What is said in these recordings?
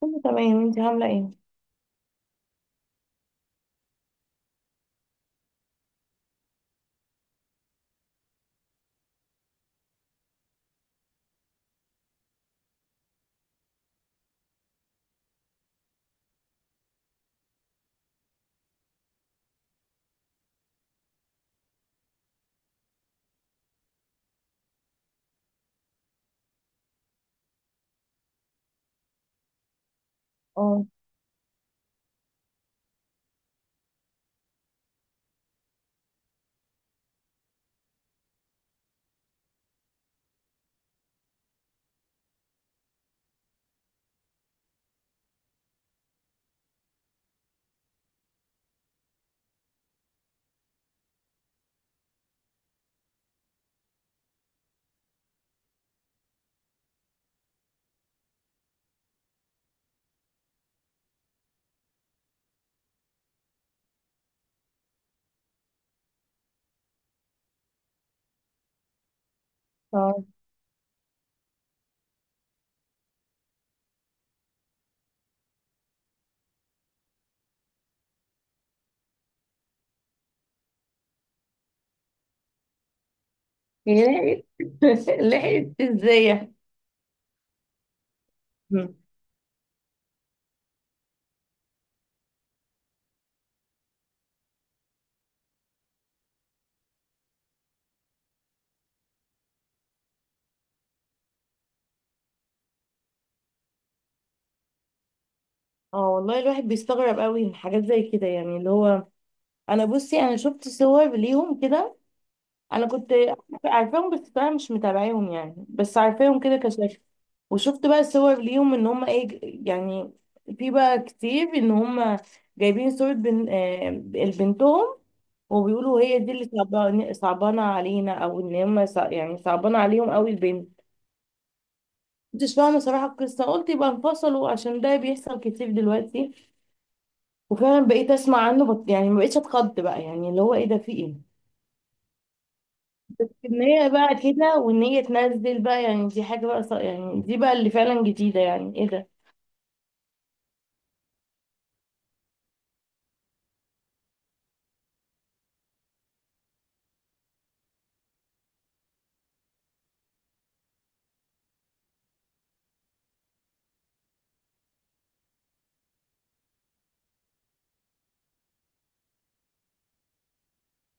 كله تمام، انت عاملة ايه؟ اه، طب هي لحقت لحقت ازاي؟ مم. اه، والله الواحد بيستغرب قوي من حاجات زي كده، يعني اللي هو انا بصي، انا شفت صور ليهم كده. انا كنت عارفاهم بس طبعا مش متابعاهم، يعني بس عارفاهم كده كشكل. وشفت بقى صور ليهم ان هم ايه، يعني في بقى كتير ان هم جايبين صورة بن... آه، بنتهم. وبيقولوا هي دي اللي صعبانة علينا، او ان هم يعني صعبانة عليهم قوي البنت. كنتش فاهمة صراحة القصة، قلت يبقى انفصلوا عشان ده بيحصل كتير دلوقتي. وفعلا بقيت اسمع عنه، يعني ما بقتش اتخض بقى، يعني اللي هو ايه ده، في ايه، ان هي بقى كده وان هي تنزل بقى. يعني دي حاجة بقى يعني دي بقى اللي فعلا جديدة، يعني ايه ده.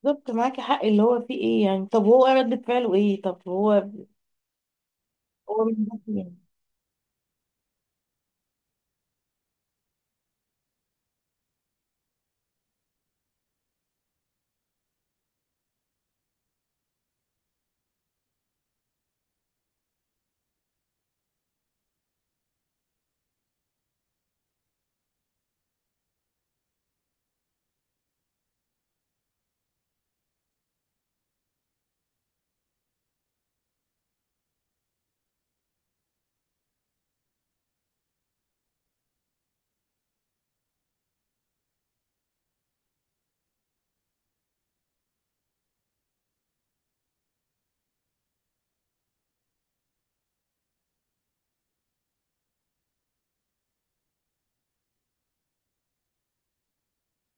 بالظبط، معاكي حق، اللي هو في ايه يعني؟ طب هو ردة فعله ايه؟ طب هو، هو مش عارف يعني.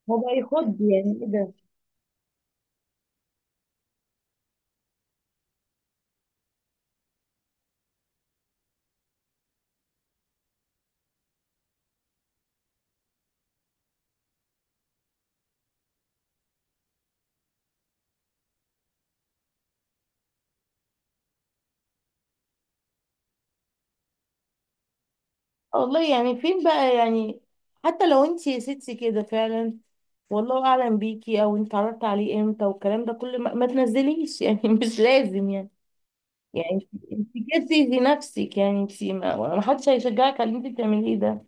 هو بقى يخض، يعني ايه ده. والله يعني فين بقى يعني. حتى لو انت يا ستي كده فعلا، والله اعلم بيكي او انت اتعرفت عليه امتى والكلام ده كله، ما تنزليش يعني مش لازم يعني. يعني انت كده بتأذي نفسك، يعني انت، ما حدش هيشجعك على اللي انت بتعمليه ده.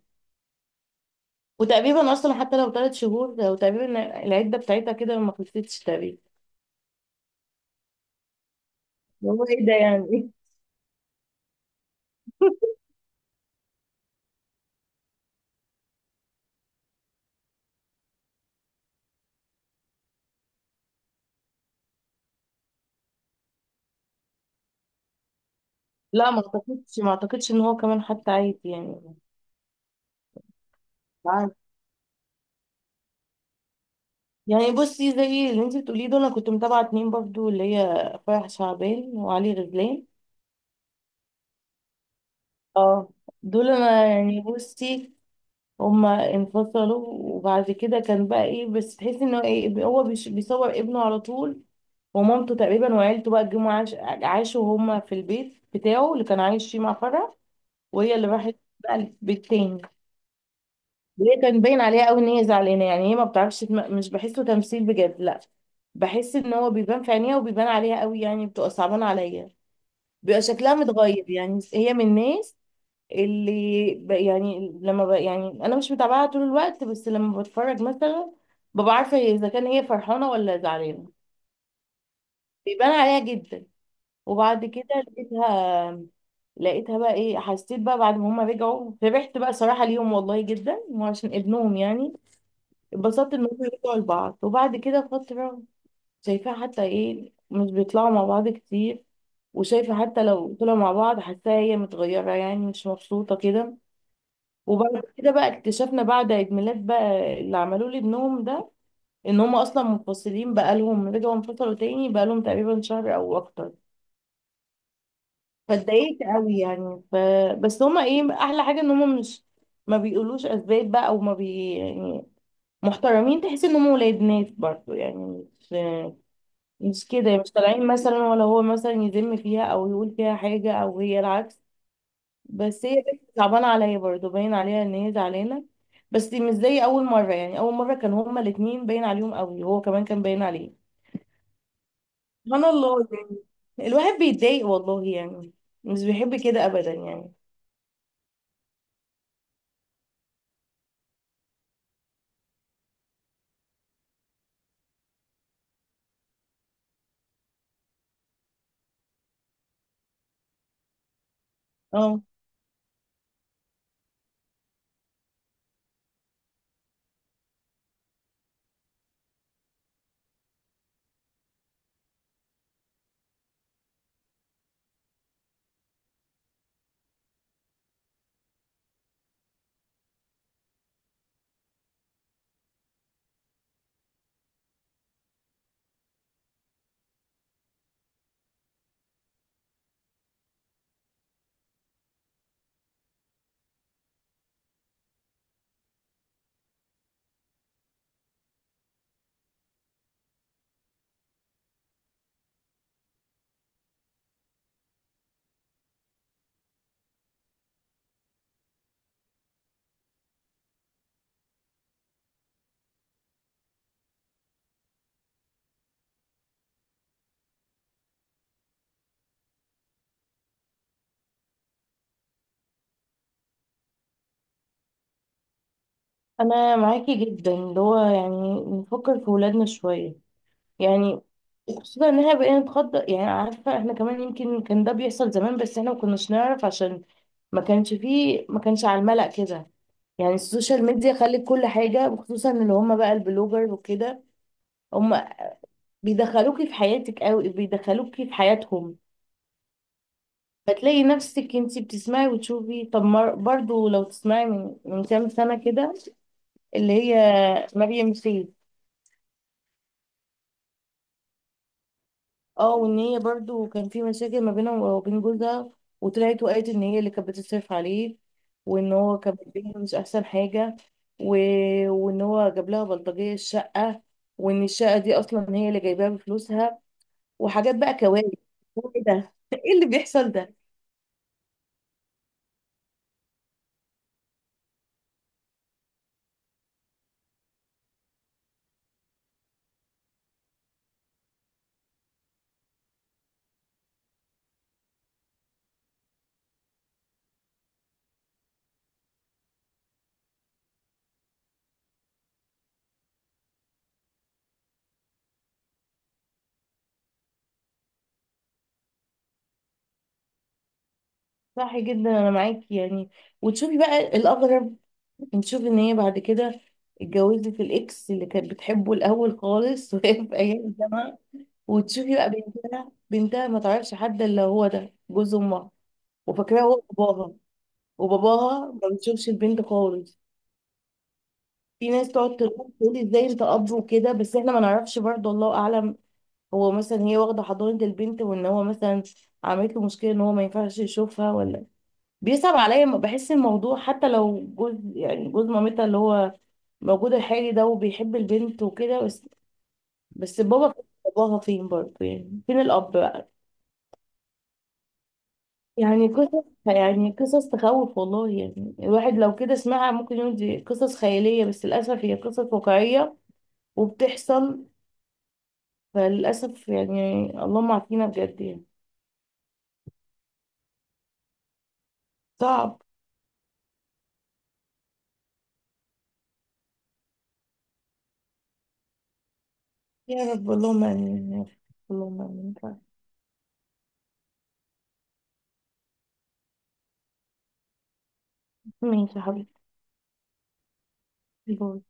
وتقريبا اصلا حتى لو 3 شهور، وتقريبا العده بتاعتها كده ما خلصتش تقريبا. هو ايه ده يعني؟ لا، ما اعتقدش ان هو كمان حتى عادي يعني. يعني بصي زي اللي انت بتقوليه، دول انا كنت متابعه اتنين برضو، اللي هي فرح شعبان وعلي غزلان. اه، دول انا يعني بصي، هما انفصلوا. وبعد كده كان بقى ايه، بس تحسي انه ايه، هو بيصور ابنه على طول ومامته تقريبا وعيلته بقى. جم عاشوا هما في البيت بتاعه اللي كان عايش فيه مع فرح، وهي اللي راحت بقى البيت تاني. وهي كان باين عليها قوي ان هي زعلانه، يعني هي ما بتعرفش مش بحسه تمثيل بجد، لا. بحس ان هو بيبان في عينيها وبيبان عليها قوي، يعني بتبقى صعبانه عليا، بيبقى شكلها متغير. يعني هي من الناس اللي يعني لما يعني انا مش متابعاها طول الوقت، بس لما بتفرج مثلا ببقى عارفه هي اذا كان هي فرحانه ولا زعلانه، بيبان عليها جدا. وبعد كده لقيتها لقيتها بقى ايه، حسيت بقى بعد ما هما رجعوا فرحت بقى صراحه ليهم والله جدا، وعشان ابنهم يعني اتبسطت ان هم رجعوا لبعض. وبعد كده فترة شايفاها حتى ايه، مش بيطلعوا مع بعض كتير. وشايفة حتى لو طلعوا مع بعض حاساها هي متغيرة، يعني مش مبسوطة كده. وبعد كده بقى اكتشفنا بعد عيد ميلاد بقى اللي عملوه لابنهم ده، ان هم اصلا منفصلين، بقالهم رجعوا انفصلوا تاني بقالهم تقريبا شهر او اكتر. فاتضايقت قوي يعني. بس هما ايه احلى حاجة ان هما مش، ما بيقولوش اسباب بقى، او ما بي يعني محترمين. تحس ان هم ولاد ناس برضه، يعني مش، مش كده، مش طالعين مثلا ولا هو مثلا يذم فيها او يقول فيها حاجة او هي العكس. بس هي بنت صعبانة عليا برضه، باين عليها ان هي زعلانة. بس مش زي اول مرة، يعني اول مرة كان هما الاتنين باين عليهم قوي، هو كمان كان باين عليه. سبحان الله يعني، الواحد بيتضايق والله يعني، مش بيحب كده ابدا يعني. اه، انا معاكي جدا، اللي هو يعني نفكر في ولادنا شوية. يعني خصوصا ان احنا بقينا نتخطى، يعني عارفه احنا كمان يمكن كان ده بيحصل زمان، بس احنا ما كناش نعرف عشان ما كانش فيه، ما كانش على الملأ كده. يعني السوشيال ميديا خلت كل حاجه، وخصوصا اللي هم بقى البلوجر وكده، هم بيدخلوكي في حياتك قوي، بيدخلوكي في حياتهم. فتلاقي نفسك انتي بتسمعي وتشوفي. طب برضو لو تسمعي من كام سنه كده، اللي هي مريم سي. اه، وان هي برضو كان في مشاكل ما بينها وبين جوزها، وطلعت وقالت ان هي اللي كانت بتصرف عليه، وان هو كان بيها مش احسن حاجه. و... وان هو جاب لها بلطجيه الشقه، وان الشقه دي اصلا هي اللي جايباها بفلوسها، وحاجات بقى كوارث. هو ايه ده ايه اللي بيحصل ده. صح جدا، انا معاكي يعني. وتشوفي بقى الاغرب، نشوف ان هي بعد كده اتجوزت الاكس اللي كانت بتحبه الاول خالص وهي في ايام الجامعه. وتشوفي بقى بنتها ما تعرفش حد الا هو ده جوز امها، وفاكراه هو باباها. وباباها ما بيشوفش البنت خالص. في ناس تقعد تقول ازاي انت اب وكده، بس احنا ما نعرفش برضه، الله اعلم. هو مثلا هي واخده حضانه البنت وان هو مثلا عملت له مشكله ان هو ما ينفعش يشوفها ولا. بيصعب عليا، بحس الموضوع حتى لو جوز، يعني جوز مامتها اللي هو موجود الحالي ده وبيحب البنت وكده، بس بس بابا، باباها فين برضه يعني، فين الاب بقى. يعني قصص، يعني قصص تخوف والله يعني. الواحد لو كده سمعها ممكن يقول دي قصص خيالية، بس للأسف هي قصص واقعية وبتحصل. فللأسف يعني، اللهم عافينا بجد يعني. صعب. يا رب، اللهم آمين يا رب. اللهم آمين. طيب، ماشي يا حبيبتي. باي.